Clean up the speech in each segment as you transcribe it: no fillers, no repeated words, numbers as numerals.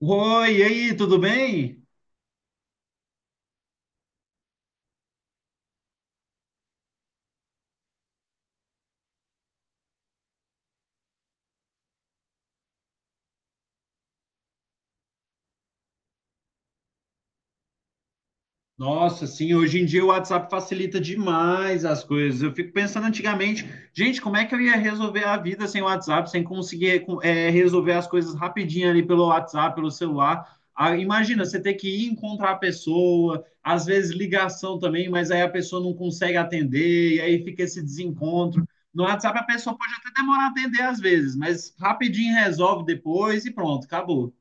Oi, e aí, tudo bem? Nossa, sim, hoje em dia o WhatsApp facilita demais as coisas. Eu fico pensando antigamente, gente, como é que eu ia resolver a vida sem o WhatsApp, sem conseguir resolver as coisas rapidinho ali pelo WhatsApp, pelo celular? Ah, imagina, você ter que ir encontrar a pessoa, às vezes ligação também, mas aí a pessoa não consegue atender, e aí fica esse desencontro. No WhatsApp a pessoa pode até demorar a atender às vezes, mas rapidinho resolve depois e pronto, acabou.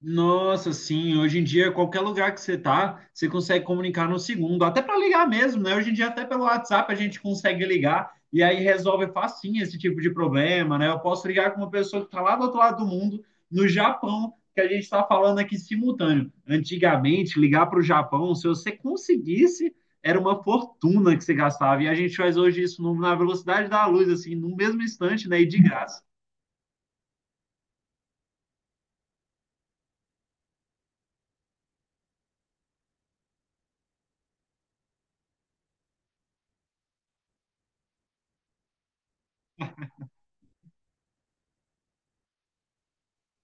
Nossa, sim, hoje em dia, qualquer lugar que você tá, você consegue comunicar no segundo, até para ligar mesmo, né? Hoje em dia, até pelo WhatsApp, a gente consegue ligar e aí resolve facinho esse tipo de problema, né? Eu posso ligar com uma pessoa que está lá do outro lado do mundo, no Japão, que a gente está falando aqui simultâneo. Antigamente, ligar para o Japão, se você conseguisse, era uma fortuna que você gastava. E a gente faz hoje isso na velocidade da luz, assim, no mesmo instante, né? E de graça.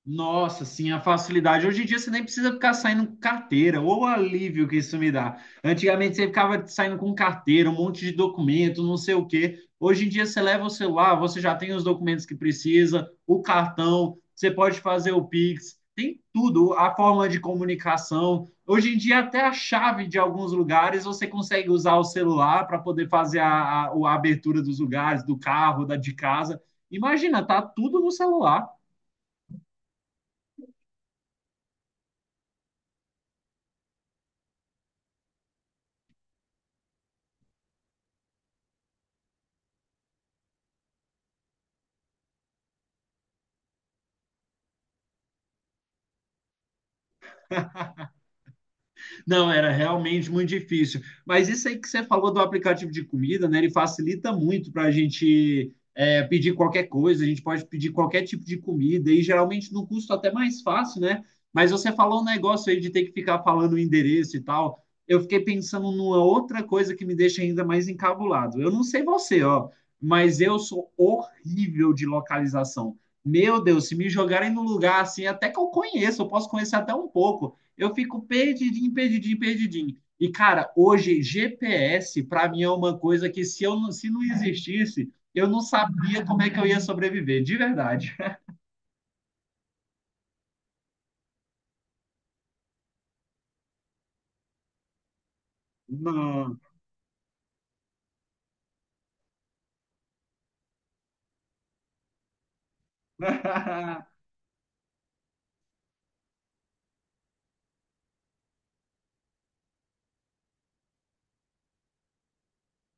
Nossa, sim, a facilidade. Hoje em dia você nem precisa ficar saindo com carteira, ou o alívio que isso me dá. Antigamente você ficava saindo com carteira, um monte de documento, não sei o quê. Hoje em dia você leva o celular, você já tem os documentos que precisa, o cartão, você pode fazer o Pix, tem tudo, a forma de comunicação. Hoje em dia até a chave de alguns lugares você consegue usar o celular para poder fazer a abertura dos lugares, do carro, da de casa. Imagina, tá tudo no celular. Não, era realmente muito difícil. Mas isso aí que você falou do aplicativo de comida, né? Ele facilita muito para a gente pedir qualquer coisa, a gente pode pedir qualquer tipo de comida, e geralmente num custo até mais fácil, né? Mas você falou um negócio aí de ter que ficar falando o endereço e tal. Eu fiquei pensando numa outra coisa que me deixa ainda mais encabulado. Eu não sei você, ó, mas eu sou horrível de localização. Meu Deus, se me jogarem no lugar assim, até que eu conheço, eu posso conhecer até um pouco, eu fico perdidinho, perdidinho, perdidinho. E, cara, hoje GPS, para mim, é uma coisa que se eu não, se não existisse, eu não sabia como é que eu ia sobreviver, de verdade. Não.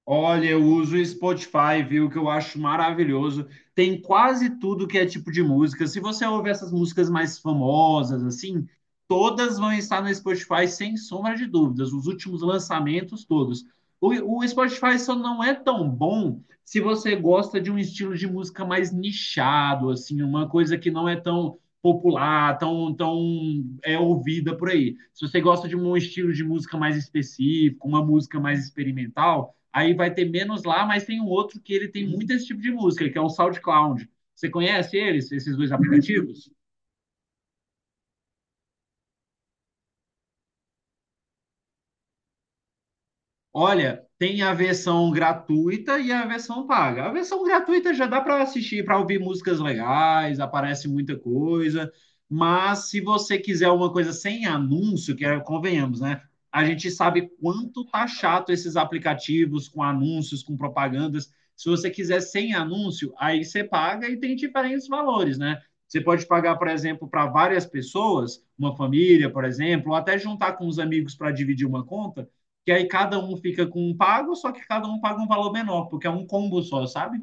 Olha, eu uso o Spotify, viu? Que eu acho maravilhoso. Tem quase tudo que é tipo de música. Se você ouvir essas músicas mais famosas, assim, todas vão estar no Spotify sem sombra de dúvidas. Os últimos lançamentos, todos. O Spotify só não é tão bom se você gosta de um estilo de música mais nichado, assim, uma coisa que não é tão popular, tão é ouvida por aí. Se você gosta de um estilo de música mais específico, uma música mais experimental aí vai ter menos lá, mas tem um outro que ele tem muito esse tipo de música, que é o SoundCloud. Você conhece eles, esses dois aplicativos? Olha, tem a versão gratuita e a versão paga. A versão gratuita já dá para assistir, para ouvir músicas legais, aparece muita coisa. Mas se você quiser uma coisa sem anúncio, que é, convenhamos, né? A gente sabe quanto tá chato esses aplicativos com anúncios, com propagandas. Se você quiser sem anúncio, aí você paga e tem diferentes valores, né? Você pode pagar, por exemplo, para várias pessoas, uma família, por exemplo, ou até juntar com os amigos para dividir uma conta que aí cada um fica com um pago, só que cada um paga um valor menor, porque é um combo só, sabe?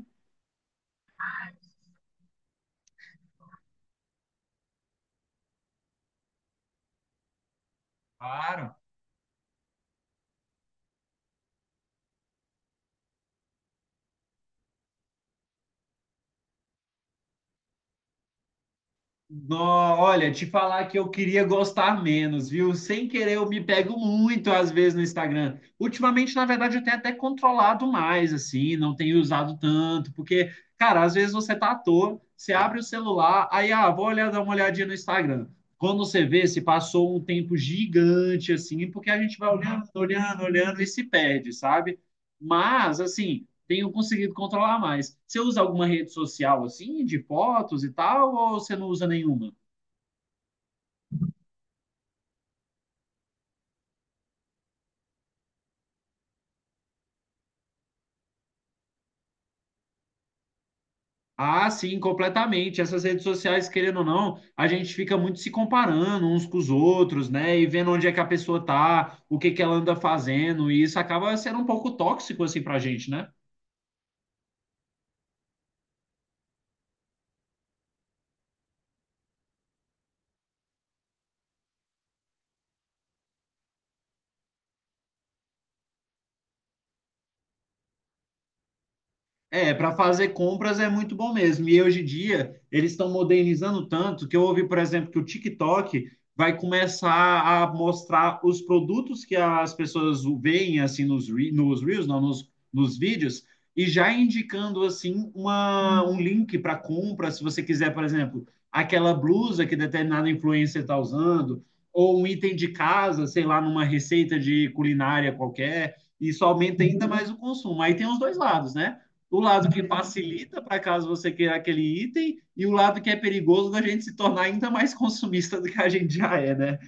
Claro. No, olha, te falar que eu queria gostar menos, viu? Sem querer, eu me pego muito às vezes no Instagram. Ultimamente, na verdade, eu tenho até controlado mais, assim, não tenho usado tanto, porque, cara, às vezes você tá à toa, você abre o celular, aí, ah, vou olhar, dar uma olhadinha no Instagram. Quando você vê, se passou um tempo gigante, assim, porque a gente vai olhando, olhando, olhando e se perde, sabe? Mas, assim. Tenho conseguido controlar mais. Você usa alguma rede social assim, de fotos e tal, ou você não usa nenhuma? Ah, sim, completamente. Essas redes sociais, querendo ou não, a gente fica muito se comparando uns com os outros, né? E vendo onde é que a pessoa tá, o que que ela anda fazendo, e isso acaba sendo um pouco tóxico assim pra gente, né? É, para fazer compras é muito bom mesmo. E hoje em dia eles estão modernizando tanto que eu ouvi, por exemplo, que o TikTok vai começar a mostrar os produtos que as pessoas veem assim nos reels, não, nos vídeos, e já indicando assim um link para compra, se você quiser, por exemplo, aquela blusa que determinada influencer está usando, ou um item de casa, sei lá, numa receita de culinária qualquer. Isso aumenta ainda mais o consumo. Aí tem os dois lados, né? O lado que facilita para caso você queira aquele item e o lado que é perigoso da gente se tornar ainda mais consumista do que a gente já é, né?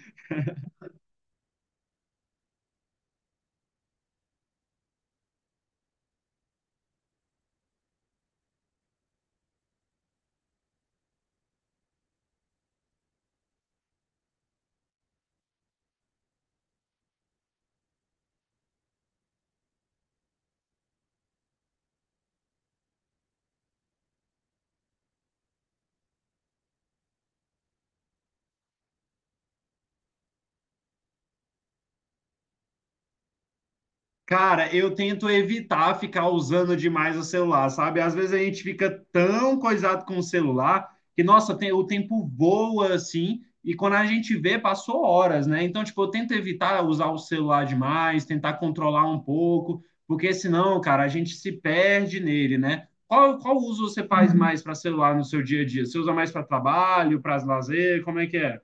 Cara, eu tento evitar ficar usando demais o celular, sabe? Às vezes a gente fica tão coisado com o celular que, nossa, o tempo voa assim, e quando a gente vê, passou horas, né? Então, tipo, eu tento evitar usar o celular demais, tentar controlar um pouco, porque senão, cara, a gente se perde nele, né? Qual uso você faz mais para celular no seu dia a dia? Você usa mais para trabalho, para lazer? Como é que é?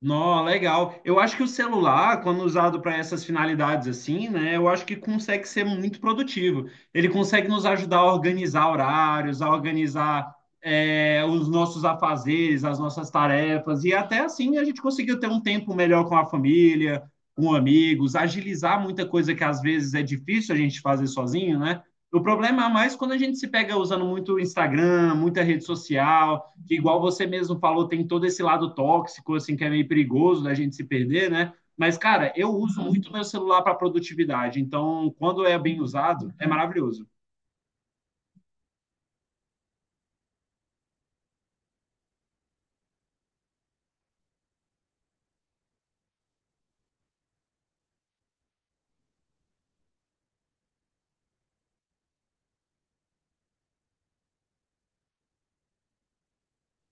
Nó, legal. Eu acho que o celular, quando usado para essas finalidades assim, né, eu acho que consegue ser muito produtivo. Ele consegue nos ajudar a organizar horários, a organizar os nossos afazeres, as nossas tarefas, e até assim a gente conseguiu ter um tempo melhor com a família, com amigos, agilizar muita coisa que às vezes é difícil a gente fazer sozinho, né? O problema é mais quando a gente se pega usando muito Instagram, muita rede social, que igual você mesmo falou, tem todo esse lado tóxico, assim, que é meio perigoso da gente se perder, né? Mas, cara, eu uso muito meu celular para produtividade, então quando é bem usado, é maravilhoso.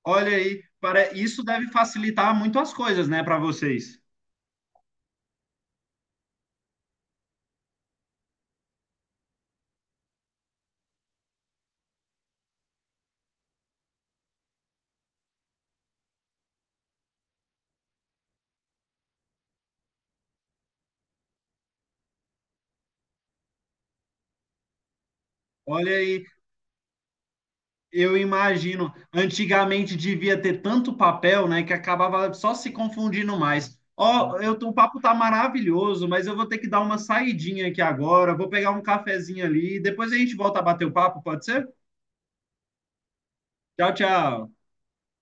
Olha aí, para isso deve facilitar muito as coisas, né, para vocês. Olha aí, eu imagino, antigamente devia ter tanto papel, né, que acabava só se confundindo mais. Ó, eu tô, o papo tá maravilhoso, mas eu vou ter que dar uma saidinha aqui agora, vou pegar um cafezinho ali, depois a gente volta a bater o papo, pode ser? Tchau, tchau.